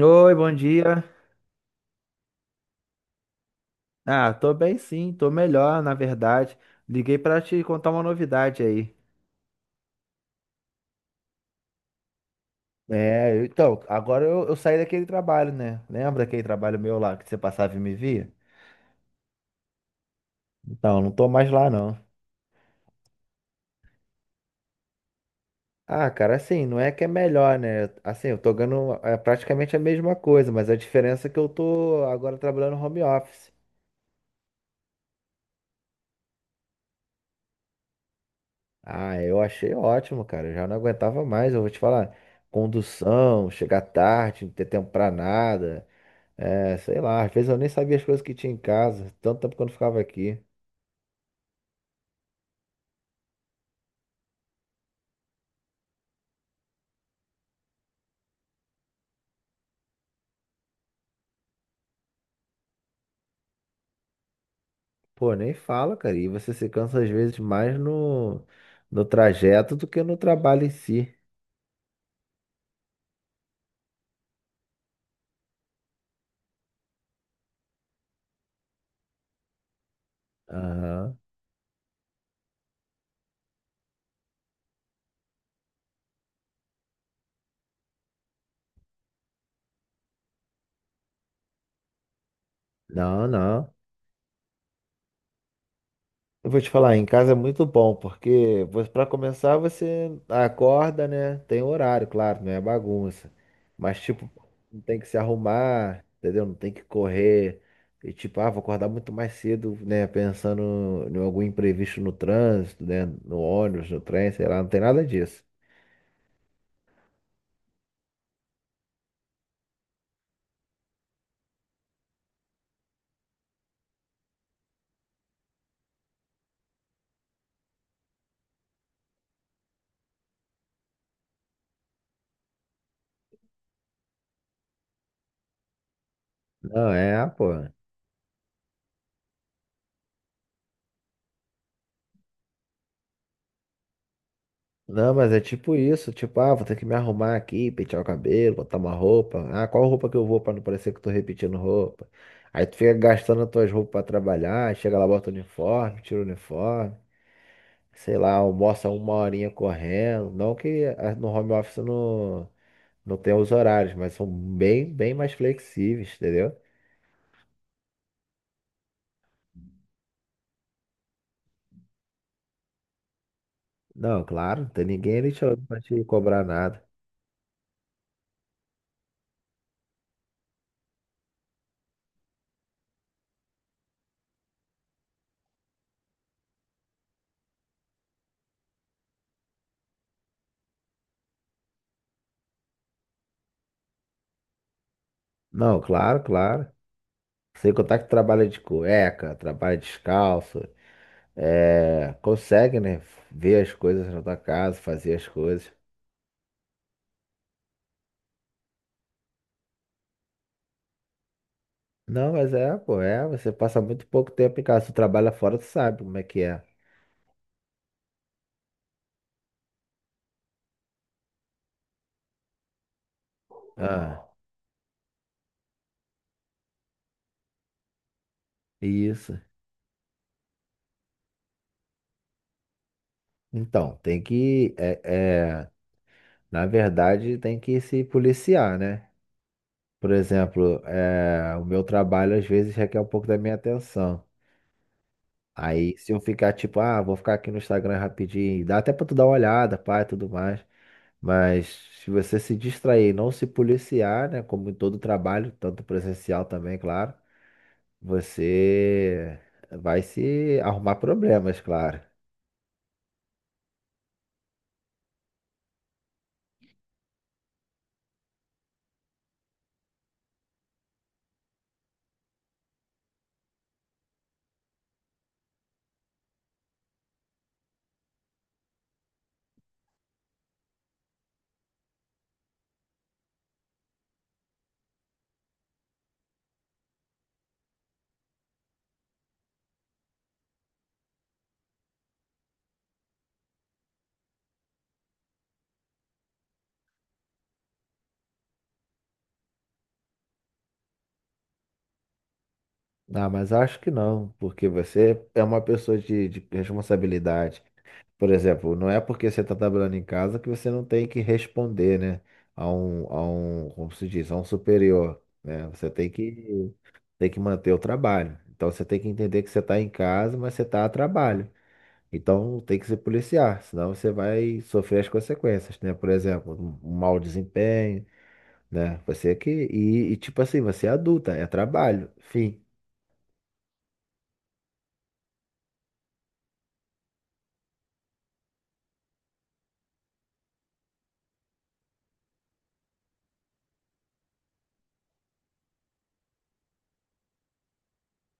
Oi, bom dia. Ah, tô bem sim, tô melhor, na verdade. Liguei pra te contar uma novidade aí. Então, agora eu saí daquele trabalho, né? Lembra aquele trabalho meu lá que você passava e me via? Então, não tô mais lá não. Ah, cara, assim, não é que é melhor, né? Assim, eu tô ganhando praticamente a mesma coisa, mas a diferença é que eu tô agora trabalhando home office. Ah, eu achei ótimo, cara. Eu já não aguentava mais, eu vou te falar. Condução, chegar tarde, não ter tempo pra nada. É, sei lá, às vezes eu nem sabia as coisas que tinha em casa, tanto tempo quando ficava aqui. Pô, nem fala, cara. E você se cansa às vezes mais no trajeto do que no trabalho em si. Aham. Não, não. Eu vou te falar, em casa é muito bom, porque para começar você acorda, né? Tem horário, claro, não é bagunça. Mas tipo, não tem que se arrumar, entendeu? Não tem que correr. E tipo, ah, vou acordar muito mais cedo, né? Pensando em algum imprevisto no trânsito, né? No ônibus, no trem, sei lá, não tem nada disso. Não, é, pô. Não, mas é tipo isso, tipo, ah, vou ter que me arrumar aqui, pentear o cabelo, botar uma roupa. Ah, qual roupa que eu vou pra não parecer que eu tô repetindo roupa? Aí tu fica gastando as tuas roupas pra trabalhar, aí chega lá, bota o uniforme, tira o uniforme, sei lá, almoça uma horinha correndo. Não que ah, no home office não, não tem os horários, mas são bem mais flexíveis, entendeu? Não, claro, não tem ninguém ali te- pra te cobrar nada. Não, claro, claro. Sem contar que trabalha de cueca, trabalha descalço. É, consegue, né? Ver as coisas na tua casa, fazer as coisas. Não, mas é, pô, é, você passa muito pouco tempo em casa. Tu trabalha fora, tu sabe como é que é. Ah, isso. Então, tem que, é, na verdade, tem que se policiar, né? Por exemplo, é, o meu trabalho às vezes requer um pouco da minha atenção. Aí, se eu ficar tipo, ah, vou ficar aqui no Instagram rapidinho, dá até pra tu dar uma olhada, pai, tudo mais. Mas se você se distrair e não se policiar, né, como em todo trabalho, tanto presencial também, claro, você vai se arrumar problemas, claro. Ah, mas acho que não, porque você é uma pessoa de responsabilidade. Por exemplo, não é porque você está trabalhando em casa que você não tem que responder, né, como se diz, a um superior, né? Você tem que manter o trabalho. Então você tem que entender que você está em casa, mas você está a trabalho. Então tem que se policiar, senão você vai sofrer as consequências, né? Por exemplo, um mau desempenho, né? Você é que. Tipo assim, você é adulta, é trabalho, fim.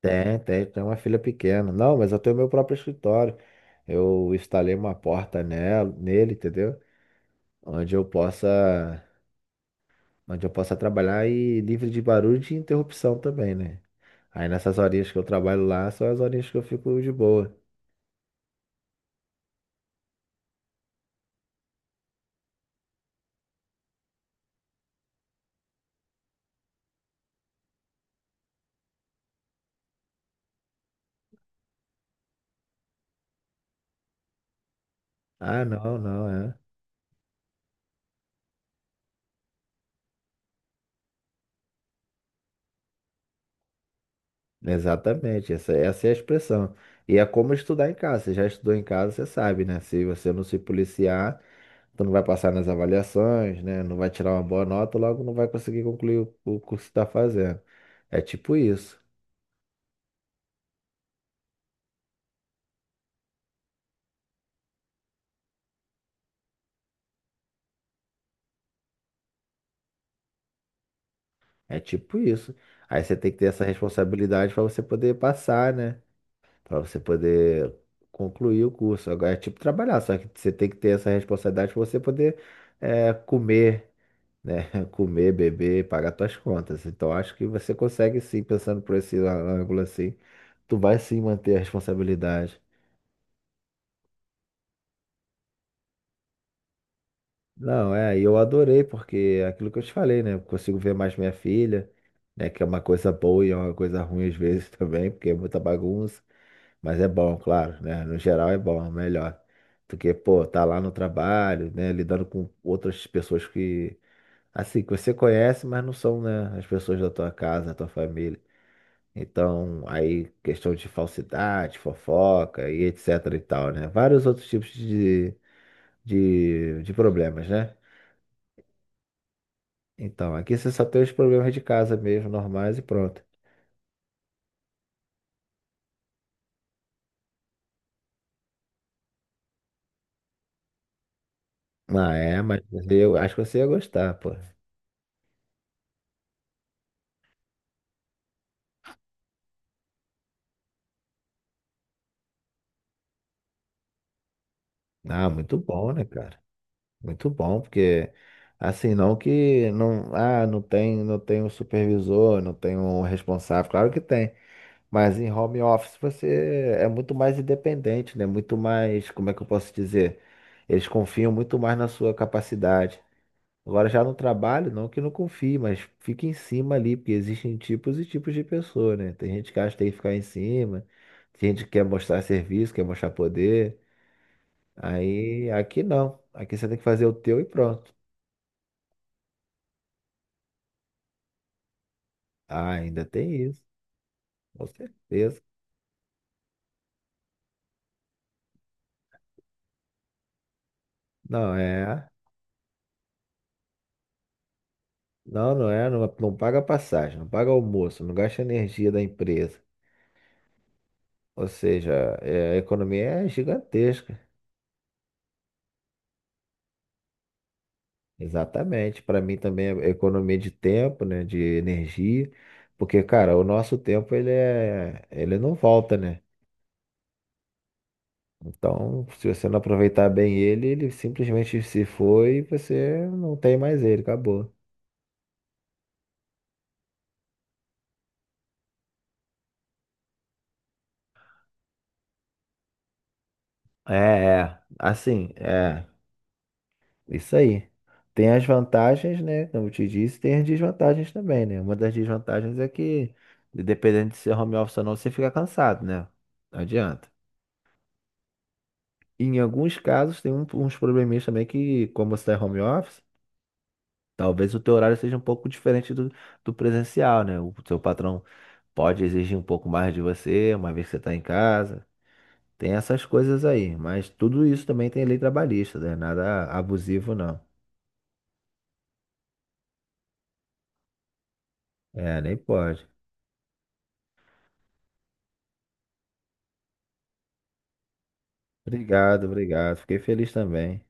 Tem uma filha pequena. Não, mas eu tenho meu próprio escritório. Eu instalei uma porta nela, nele, entendeu? Onde eu possa, onde eu possa trabalhar e livre de barulho e de interrupção também, né? Aí nessas horinhas que eu trabalho lá, são as horinhas que eu fico de boa. Ah, não, não, é. Exatamente, essa é a expressão. E é como estudar em casa. Você já estudou em casa, você sabe, né? Se você não se policiar, tu não vai passar nas avaliações, né? Não vai tirar uma boa nota, logo não vai conseguir concluir o curso que está fazendo. É tipo isso. É tipo isso. Aí você tem que ter essa responsabilidade para você poder passar, né? Para você poder concluir o curso. Agora é tipo trabalhar, só que você tem que ter essa responsabilidade para você poder comer. Né? Comer, beber, pagar tuas contas. Então acho que você consegue sim, pensando por esse ângulo assim, tu vai sim manter a responsabilidade. Não, é, e eu adorei, porque é aquilo que eu te falei, né? Eu consigo ver mais minha filha, né? Que é uma coisa boa e é uma coisa ruim às vezes também, porque é muita bagunça. Mas é bom, claro, né? No geral é bom, é melhor. Porque, pô, tá lá no trabalho, né? Lidando com outras pessoas que, assim, que você conhece, mas não são, né? As pessoas da tua casa, da tua família. Então, aí questão de falsidade, fofoca e etc e tal, né? Vários outros tipos de problemas, né? Então, aqui você só tem os problemas de casa mesmo, normais e pronto. Ah, é, mas eu acho que você ia gostar, pô. Ah, muito bom, né, cara? Muito bom, porque assim, não que não, ah, não tem um supervisor, não tem um responsável, claro que tem. Mas em home office você é muito mais independente, né? Muito mais, como é que eu posso dizer? Eles confiam muito mais na sua capacidade. Agora já no trabalho, não que não confie, mas fique em cima ali, porque existem tipos e tipos de pessoa, né? Tem gente que acha que tem que ficar em cima, tem gente que quer mostrar serviço, quer mostrar poder. Aí aqui não. Aqui você tem que fazer o teu e pronto. Ah, ainda tem isso, com certeza. Não, é. Não, não paga passagem, não paga almoço, não gasta energia da empresa. Ou seja, é, a economia é gigantesca. Exatamente. Para mim também é economia de tempo, né, de energia, porque, cara, o nosso tempo ele não volta, né? Então, se você não aproveitar bem ele, ele simplesmente se foi e você não tem mais ele, acabou. É, é, assim. Isso aí. Tem as vantagens, né? Como eu te disse, tem as desvantagens também, né? Uma das desvantagens é que, dependendo de ser home office ou não, você fica cansado, né? Não adianta. E em alguns casos, tem um- uns probleminhas também que, como você está home office, talvez o teu horário seja um pouco diferente do presencial, né? O seu patrão pode exigir um pouco mais de você, uma vez que você está em casa. Tem essas coisas aí, mas tudo isso também tem lei trabalhista, né? Nada abusivo, não. É, nem pode. Obrigado, obrigado. Fiquei feliz também.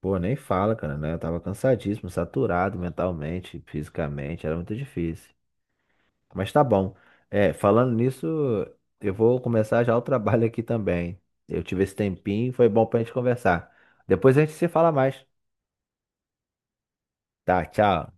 Pô, nem fala, cara, né? Eu tava cansadíssimo, saturado mentalmente, fisicamente, era muito difícil. Mas tá bom. É, falando nisso, eu vou começar já o trabalho aqui também. Eu tive esse tempinho, foi bom pra gente conversar. Depois a gente se fala mais. Tá, tchau.